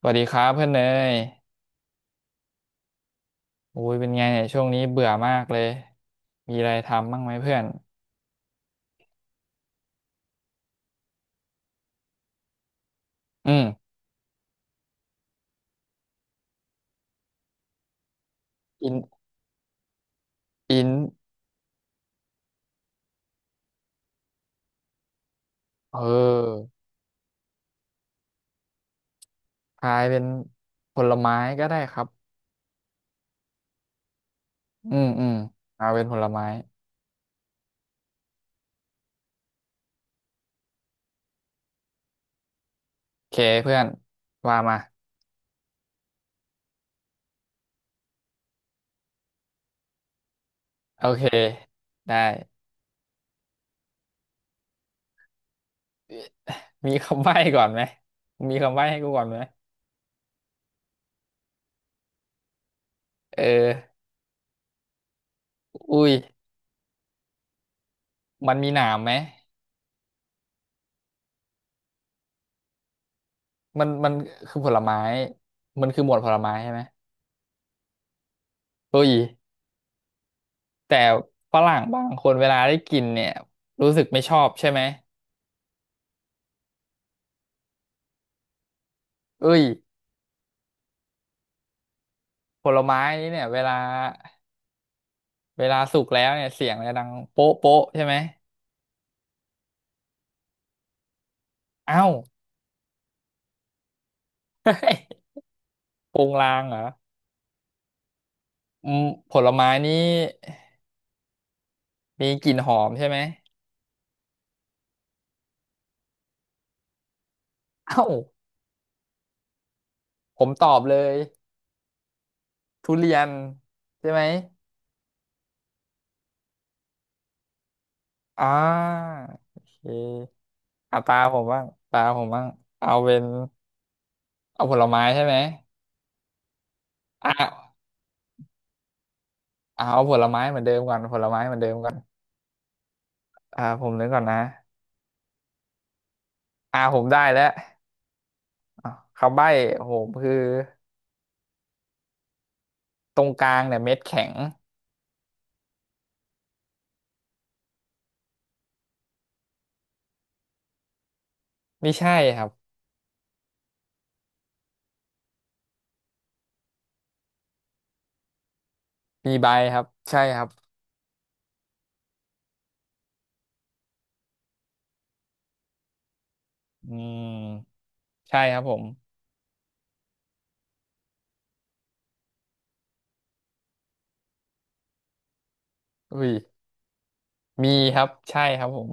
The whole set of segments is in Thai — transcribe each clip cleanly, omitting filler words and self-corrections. สวัสดีครับเพื่อนเนยโอ้ยเป็นไงเนี่ยช่วงนี้เบื่อมากเลย มีอะไรทำบ้างไหมเพื่อนอืมอินอินเออทายเป็นผลไม้ก็ได้ครับอืมอืมเอาเป็นผลไม้โอเคเพื่อนว่ามาโอเคได้มีคำใบ้ก่อนไหมมีคำใบ้ให้กูก่อนไหมเอออุ้ยมันมีหนามไหมมันคือผลไม้มันคือหมวดผลไม้ใช่ไหมเฮ้ย แต่ฝรั่งบางคนเวลาได้กินเนี่ยรู้สึกไม่ชอบใช่ไหมเอ้ยผลไม้นี้เนี่ยเวลาสุกแล้วเนี่ยเสียงมันจะดังโป๊ะโป๊ะใช่ไหมเอ้า โปงลางเหรออืมผลไม้นี้มีกลิ่นหอมใช่ไหมเอ้าผมตอบเลยทุเรียนใช่ไหมอ่าโอเคอ่ะตาผมบ้างตาผมบ้างเอาเป็นเอาผลไม้ใช่ไหมอ่ะเอาผลไม้เหมือนเดิมก่อนผลไม้เหมือนเดิมก่อน อ่าผมนึกก่อนนะอ่าผมได้แล้วอ่ะคำใบ้ผมคือตรงกลางเนี่ยเม็ดแข็งไม่ใช่ครับมีใบครับใช่ครับอืมใช่ครับผมอุ้ยมีครับใช่ครับผม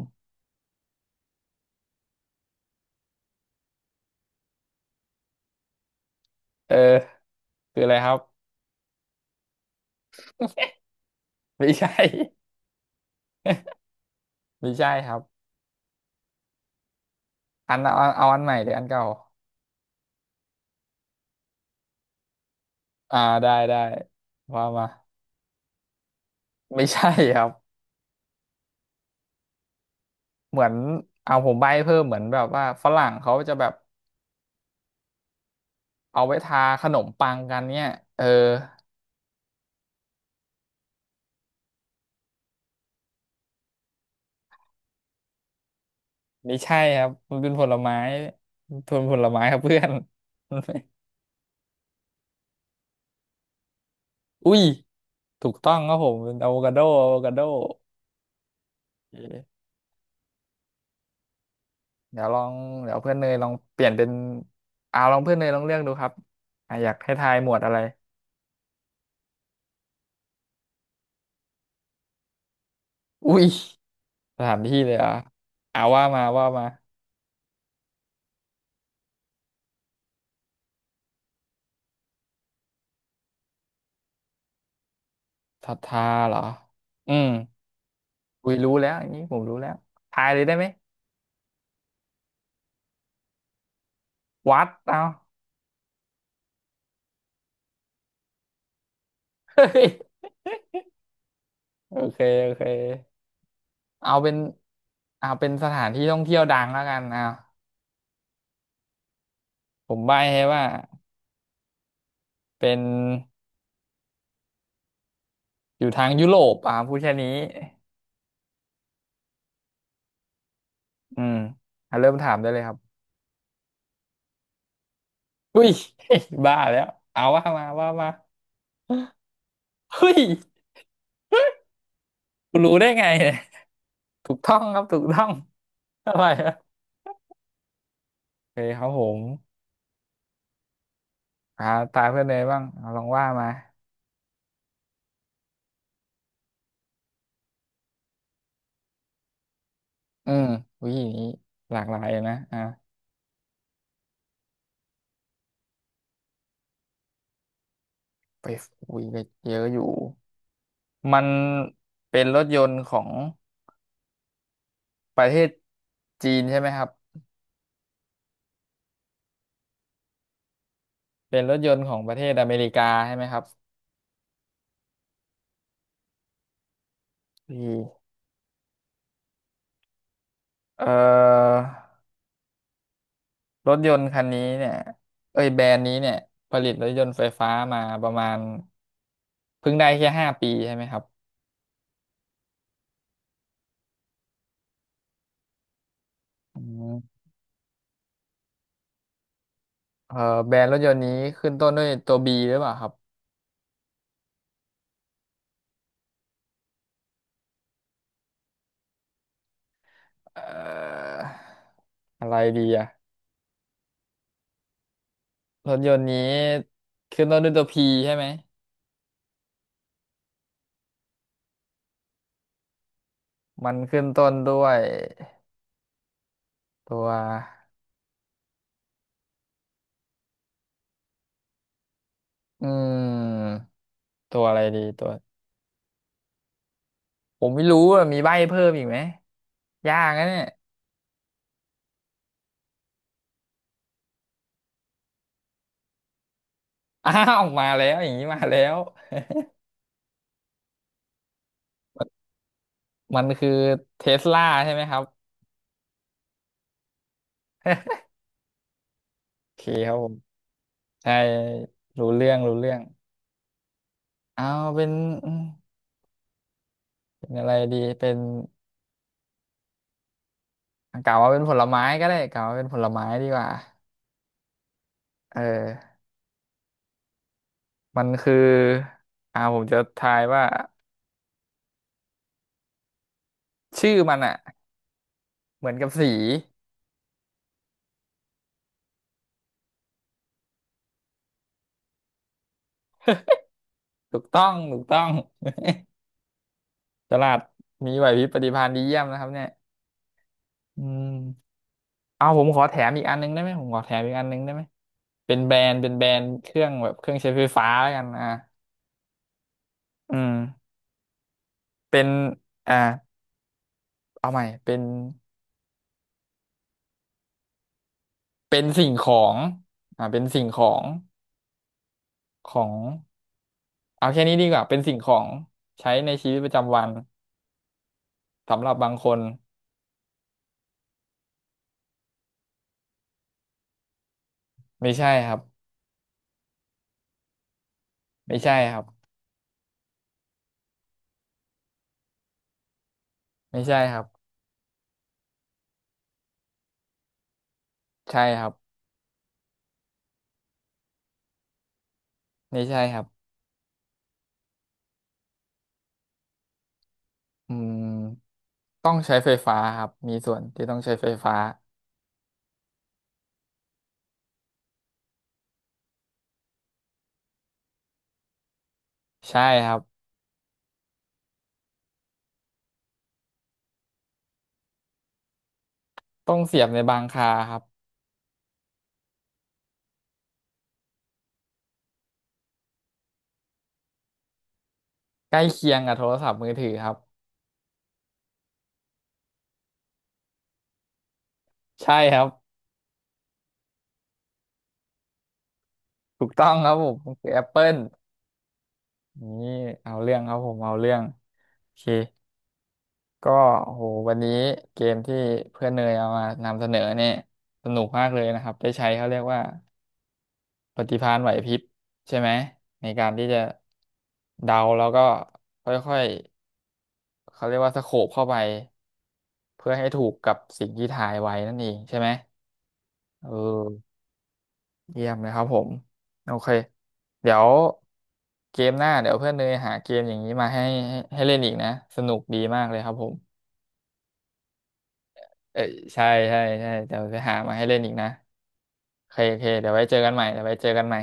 เออคืออะไรครับไม่ใช่ ไม่ใช่ครับอันเอาอันใหม่หรืออันเก่าอ่าได้ได้ว่ามาไม่ใช่ครับเหมือนเอาผมใบ้เพิ่มเหมือนแบบว่าฝรั่งเขาจะแบบเอาไว้ทาขนมปังกันเนี่ยเออ ไม่ใช่ครับมันเป็นผลไม้ทนผลไม้ครับเพื่อน อุ้ยถูกต้องครับผมเป็นอะโวคาโดอะโวคาโดเอ๊ะเดี๋ยวลองเดี๋ยวเพื่อนเนยลองเปลี่ยนเป็นอ่าลองเพื่อนเนยลองเลือกดูครับอ่ะอยากให้ทายหมวดอะไรอุ้ยสถานที่เลยเหรอ่ะอ่าว่ามาว่ามาศรัทธาเหรออืมอุ้ยรู้แล้วอันนี้ผมรู้แล้วทายเลยได้ไหมวัดเอา เฮ้ยโอเคโอเคเอาเป็นเอาเป็นสถานที่ท่องเที่ยวดังแล้วกันเอา ผมใบ้ให้ว่าเป็นอยู่ทางยุโรปอ่ะพูดแค่นี้อืมอ่ะเริ่มถามได้เลยครับอุ้ย บ้าแล้วเอาว่ามาว่ามาเฮ้ยคุณรู้ได้ไงเนี่ยถูกต้องครับถูกต้องอะไรอะโอเคครับผมอ่าตาเพื่อนเลยบ้างเอาลองว่ามาอืมวิธีนี้หลากหลายนะอ่าไปอุ้ยไปเยอะอยู่มันเป็นรถยนต์ของประเทศจีนใช่ไหมครับเป็นรถยนต์ของประเทศอเมริกาใช่ไหมครับ พี่เอ่อรถยนต์คันนี้เนี่ยเอ้ยแบรนด์นี้เนี่ยผลิตรถยนต์ไฟฟ้ามาประมาณเพิ่งได้แค่5 ปีใช่ไหมครับอืมเอ่อแบรนด์รถยนต์นี้ขึ้นต้นด้วยตัวบีหรือเปล่าครับเอ่ออะไรดีอะรถยนต์นี้ขึ้นต้นด้วยตัวพีใช่ไหมมันขึ้นต้นด้วยตัวอืมตัวอะไรดีตัวผมไม่รู้อะมีใบ้เพิ่มอีกไหมยากนะเนี่ย อ้าวมาแล้วอย่างนี้มาแล้วมันคือเทสลาใช่ไหมครับโอเคครับผมใช่รู้เรื่องรู้เรื่องเอาเป็นอืมเป็นอะไรดีเป็นกล่าวว่าเป็นผลไม้ก็ได้กล่าวว่าเป็นผลไม้ดีกว่าเออมันคืออ่าผมจะทายว่าชื่อมันอ่ะเหมือนกับสีถูกต้องถูกต้องตลาดมีไหวพริบปฏิภาณดีเยี่ยมนะครับเนี่ยอืมเอาผมขอแถมอีกอันนึงได้ไหมผมขอแถมอีกอันนึงได้ไหม เป็นแบรนด์เครื่องแบบเครื่องใช้ไฟฟ้าแล้วกันอ่ะอืมเป็นอ่าเอาใหม่เป็นเป็นสิ่งของอ่าเป็นสิ่งของของเอาแค่นี้ดีกว่าเป็นสิ่งของใช้ในชีวิตประจำวันสำหรับบางคนไม่ใช่ครับไม่ใช่ครับไม่ใช่ครับใช่ครับไม่ใช่ครับอืมต้องใช้ไฟฟ้าครับมีส่วนที่ต้องใช้ไฟฟ้าใช่ครับต้องเสียบในบางคาครับใกล้เคียงกับโทรศัพท์มือถือครับใช่ครับ ถูกต้องครับผมมันคือแอปเปิลนี่เอาเรื่องครับผมเอาเรื่องโอเคก็โหวันนี้เกมที่เพื่อนเนยเอามานำเสนอเนี่ยสนุกมากเลยนะครับได้ใช้เขาเรียกว่าปฏิภาณไหวพริบใช่ไหมในการที่จะเดาแล้วก็ค่อยๆเขาเรียกว่าสโคปเข้าไปเพื่อให้ถูกกับสิ่งที่ทายไว้นั่นเองใช่ไหมเออ เยี่ยมเลยครับผม โอเคเดี๋ยวเกมหน้าเดี๋ยวเพื่อนเนยหาเกมอย่างนี้มาให้เล่นอีกนะสนุกดีมากเลยครับผมเอ้ยใช่เดี๋ยวจะหามาให้เล่นอีกนะโอเคโอเคเดี๋ยวไว้เจอกันใหม่เดี๋ยวไว้เจอกันใหม่